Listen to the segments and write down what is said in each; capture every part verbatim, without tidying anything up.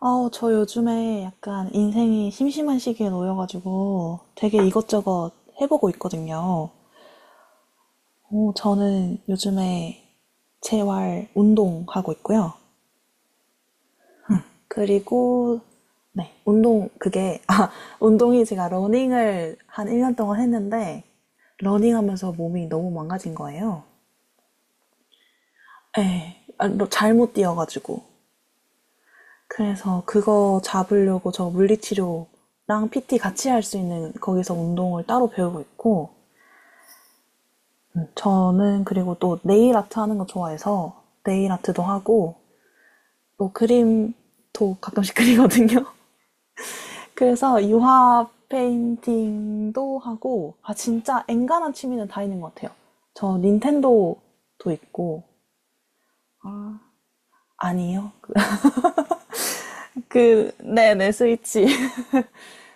아, 저 요즘에 약간 인생이 심심한 시기에 놓여가지고 되게 이것저것 해보고 있거든요. 어, 저는 요즘에 재활 운동하고 있고요. 그리고, 네, 운동, 그게, 아, 운동이 제가 러닝을 한 일 년 동안 했는데, 러닝하면서 몸이 너무 망가진 거예요. 예, 아, 러- 잘못 뛰어가지고. 그래서 그거 잡으려고 저 물리치료랑 피티 같이 할 수 있는 거기서 운동을 따로 배우고 있고, 음, 저는 그리고 또 네일 아트 하는 거 좋아해서 네일 아트도 하고, 또 그림도 가끔씩 그리거든요. 그래서 유화 페인팅도 하고, 아, 진짜 엔간한 취미는 다 있는 것 같아요. 저 닌텐도도 있고, 아, 아니요. 그, 네네, 스위치.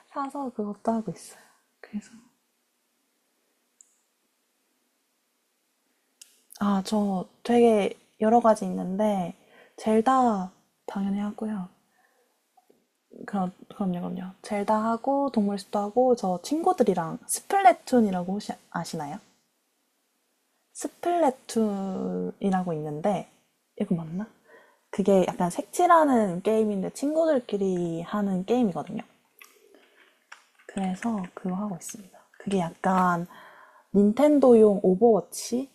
사서 그것도 하고 있어요. 그래서 아, 저 되게 여러 가지 있는데, 젤다 당연히 하고요. 그럼, 그럼요, 그럼요. 젤다 하고, 동물 숲도 하고, 저 친구들이랑 스플래툰이라고 혹시 아시나요? 스플래툰이라고 있는데, 이거 맞나? 그게 약간 색칠하는 게임인데, 친구들끼리 하는 게임이거든요. 그래서 그거 하고 있습니다. 그게 약간 닌텐도용 오버워치랑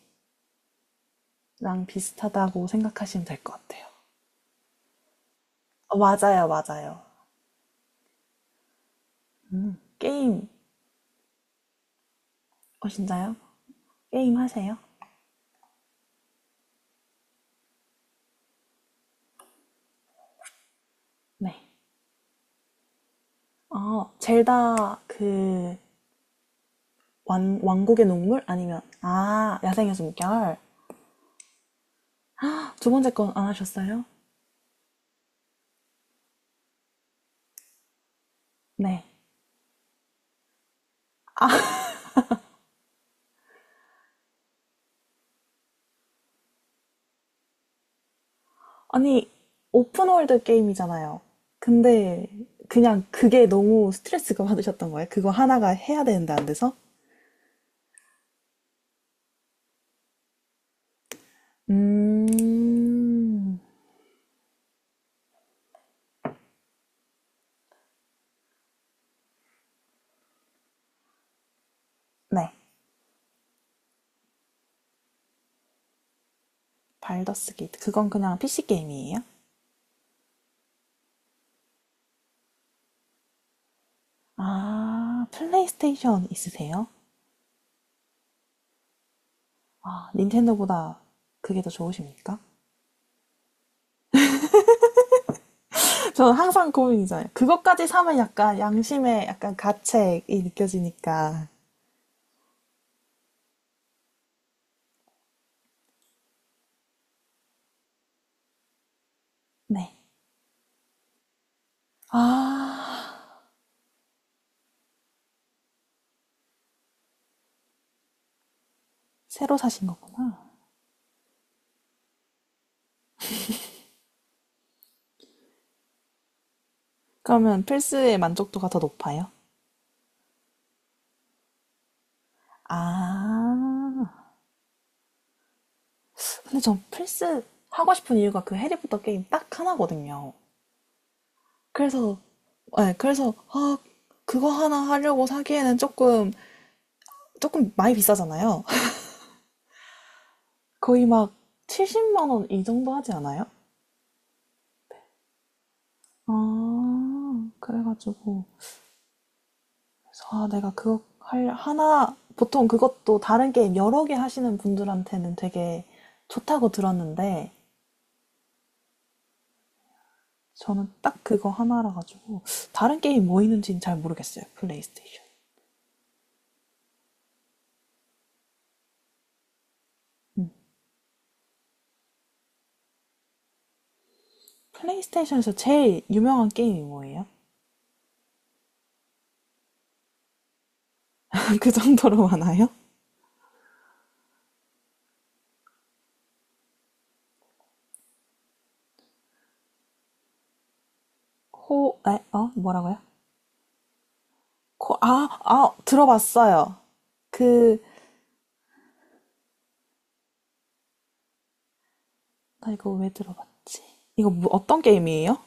비슷하다고 생각하시면 될 것 같아요. 어, 맞아요, 맞아요. 음, 게임, 어, 진짜요? 게임 하세요? 네. 아, 젤다, 그, 왕, 왕국의 농물? 아니면, 아, 야생의 숨결. 두 번째 건 안 하셨어요? 네. 아니, 오픈월드 게임이잖아요. 근데, 그냥 그게 너무 스트레스가 받으셨던 거예요? 그거 하나가 해야 되는데 안 돼서? 음, 네. 발더스 게이트. 그건 그냥 피씨 게임이에요? 아, 플레이스테이션 있으세요? 아, 닌텐도보다 그게 더 좋으십니까? 저는 항상 고민이잖아요. 그것까지 사면 약간 양심의 약간 가책이 느껴지니까. 네. 아, 새로 사신 거구나. 그러면 플스의 만족도가 더 높아요? 아, 근데 전 플스 하고 싶은 이유가 그 해리포터 게임 딱 하나거든요. 그래서, 네, 그래서, 아, 그거 하나 하려고 사기에는 조금, 조금 많이 비싸잖아요. 거의 막 칠십만 원 이 정도 하지 않아요? 아. 그래 가지고 그래서 아 내가 그거 할 하나 보통 그것도 다른 게임 여러 개 하시는 분들한테는 되게 좋다고 들었는데 저는 딱 그거 하나라 가지고 다른 게임 뭐 있는지는 잘 모르겠어요. 플레이스테이션. 플레이스테이션에서 제일 유명한 게임이 뭐예요? 그 정도로 많아요? 호, 에, 어? 뭐라고요? 코, 아, 아, 들어봤어요. 그, 나 이거 왜 들어봤지? 이거 뭐, 어떤 게임이에요?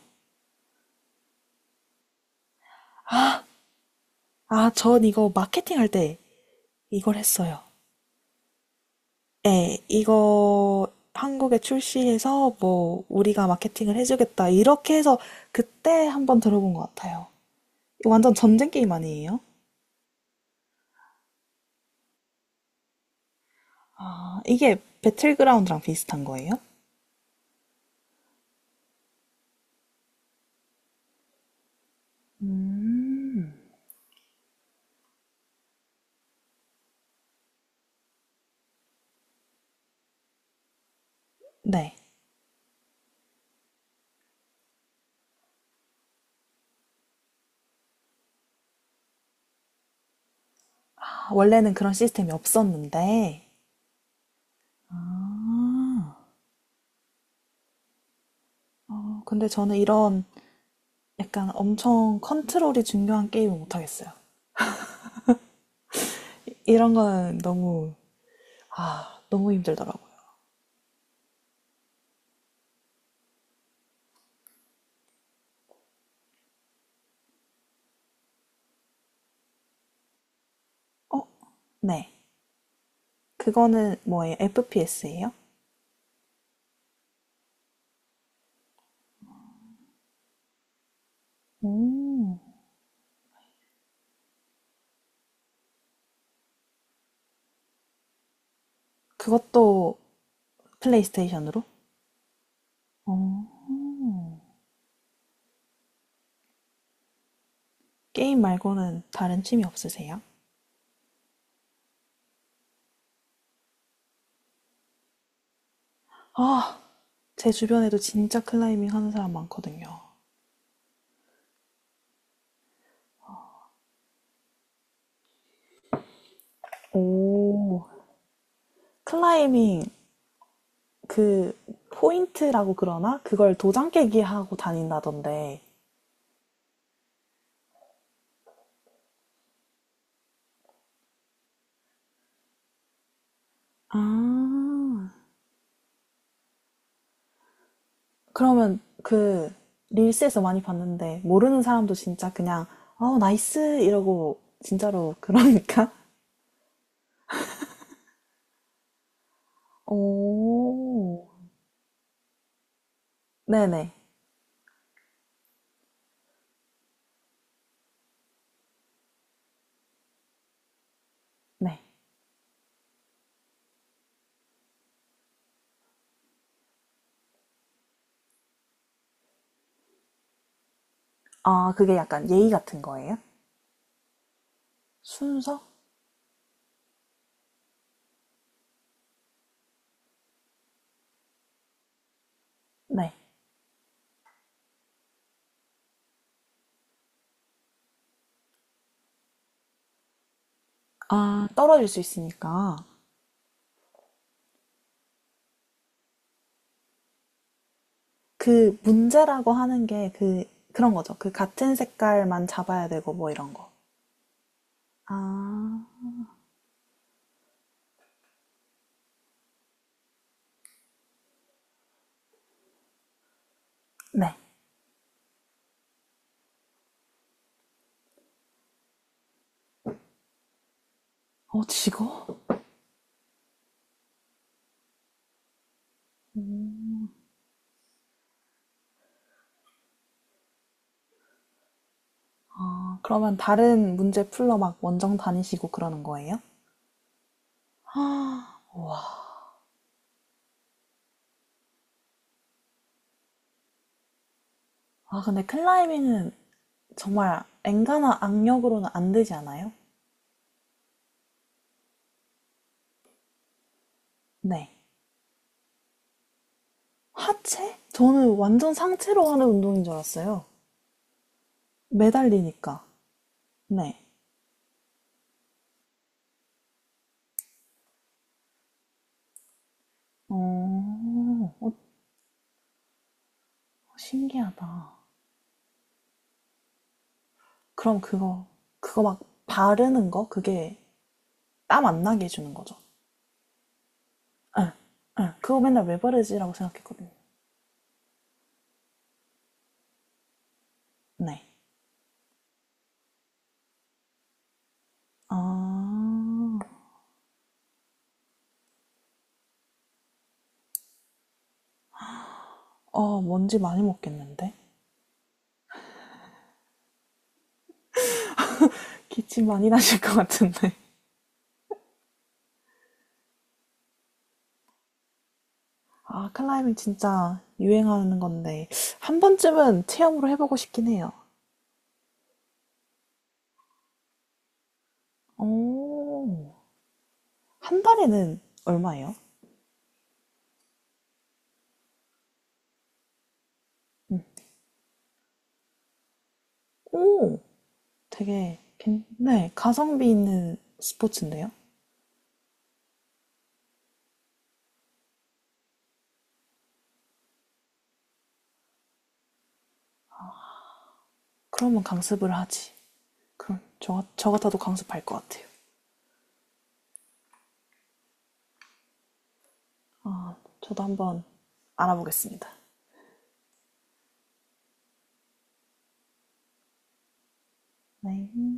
아, 전 이거 마케팅할 때 이걸 했어요. 예, 이거 한국에 출시해서 뭐 우리가 마케팅을 해주겠다 이렇게 해서 그때 한번 들어본 것 같아요. 완전 전쟁 게임 아니에요? 아, 이게 배틀그라운드랑 비슷한 거예요? 음. 네. 아, 원래는 그런 시스템이 없었는데, 아. 어, 근데 저는 이런 약간 엄청 컨트롤이 중요한 게임을 못하겠어요. 이런 거는 너무, 아, 너무 힘들더라고요. 네. 그거는 뭐예요? 에프피에스예요? 그것도 플레이스테이션으로? 게임 말고는 다른 취미 없으세요? 아, 제 주변에도 진짜 클라이밍 하는 사람 많거든요. 오, 클라이밍 그 포인트라고 그러나 그걸 도장 깨기 하고 다닌다던데. 아, 그러면 그 릴스에서 많이 봤는데 모르는 사람도 진짜 그냥 어 나이스 이러고 진짜로 그러니까. 오. 네네. 네. 아, 그게 약간 예의 같은 거예요? 순서? 네. 아, 떨어질 수 있으니까. 그 문제라고 하는 게 그, 그런 거죠. 그 같은 색깔만 잡아야 되고 뭐 이런 거. 아, 네. 어, 지거? 아, 그러면 다른 문제 풀러 막 원정 다니시고 그러는 거예요? 아, 아, 근데 클라이밍은 정말 엔간한 악력으로는 안 되지 않아요? 네. 하체? 저는 완전 상체로 하는 운동인 줄 알았어요. 매달리니까. 네. 어, 어, 신기하다. 그럼 그거, 그거 막 바르는 거? 그게 땀 안 나게 해주는 거죠. 응, 응. 그거 맨날 왜 바르지라고 생각했거든요. 네. 아, 어, 먼지 많이 먹겠는데? 기침 많이 나실 것 같은데. 아, 클라이밍 진짜 유행하는 건데, 한 번쯤은 체험으로 해보고 싶긴 해요. 오, 한 달에는 얼마예요? 응. 오, 되게, 괜- 네, 가성비 있는 스포츠인데요? 그러면 강습을 하지. 그럼 저, 같- 저 같아도 강습할 것 같아요. 저도 한번 알아보겠습니다. 네.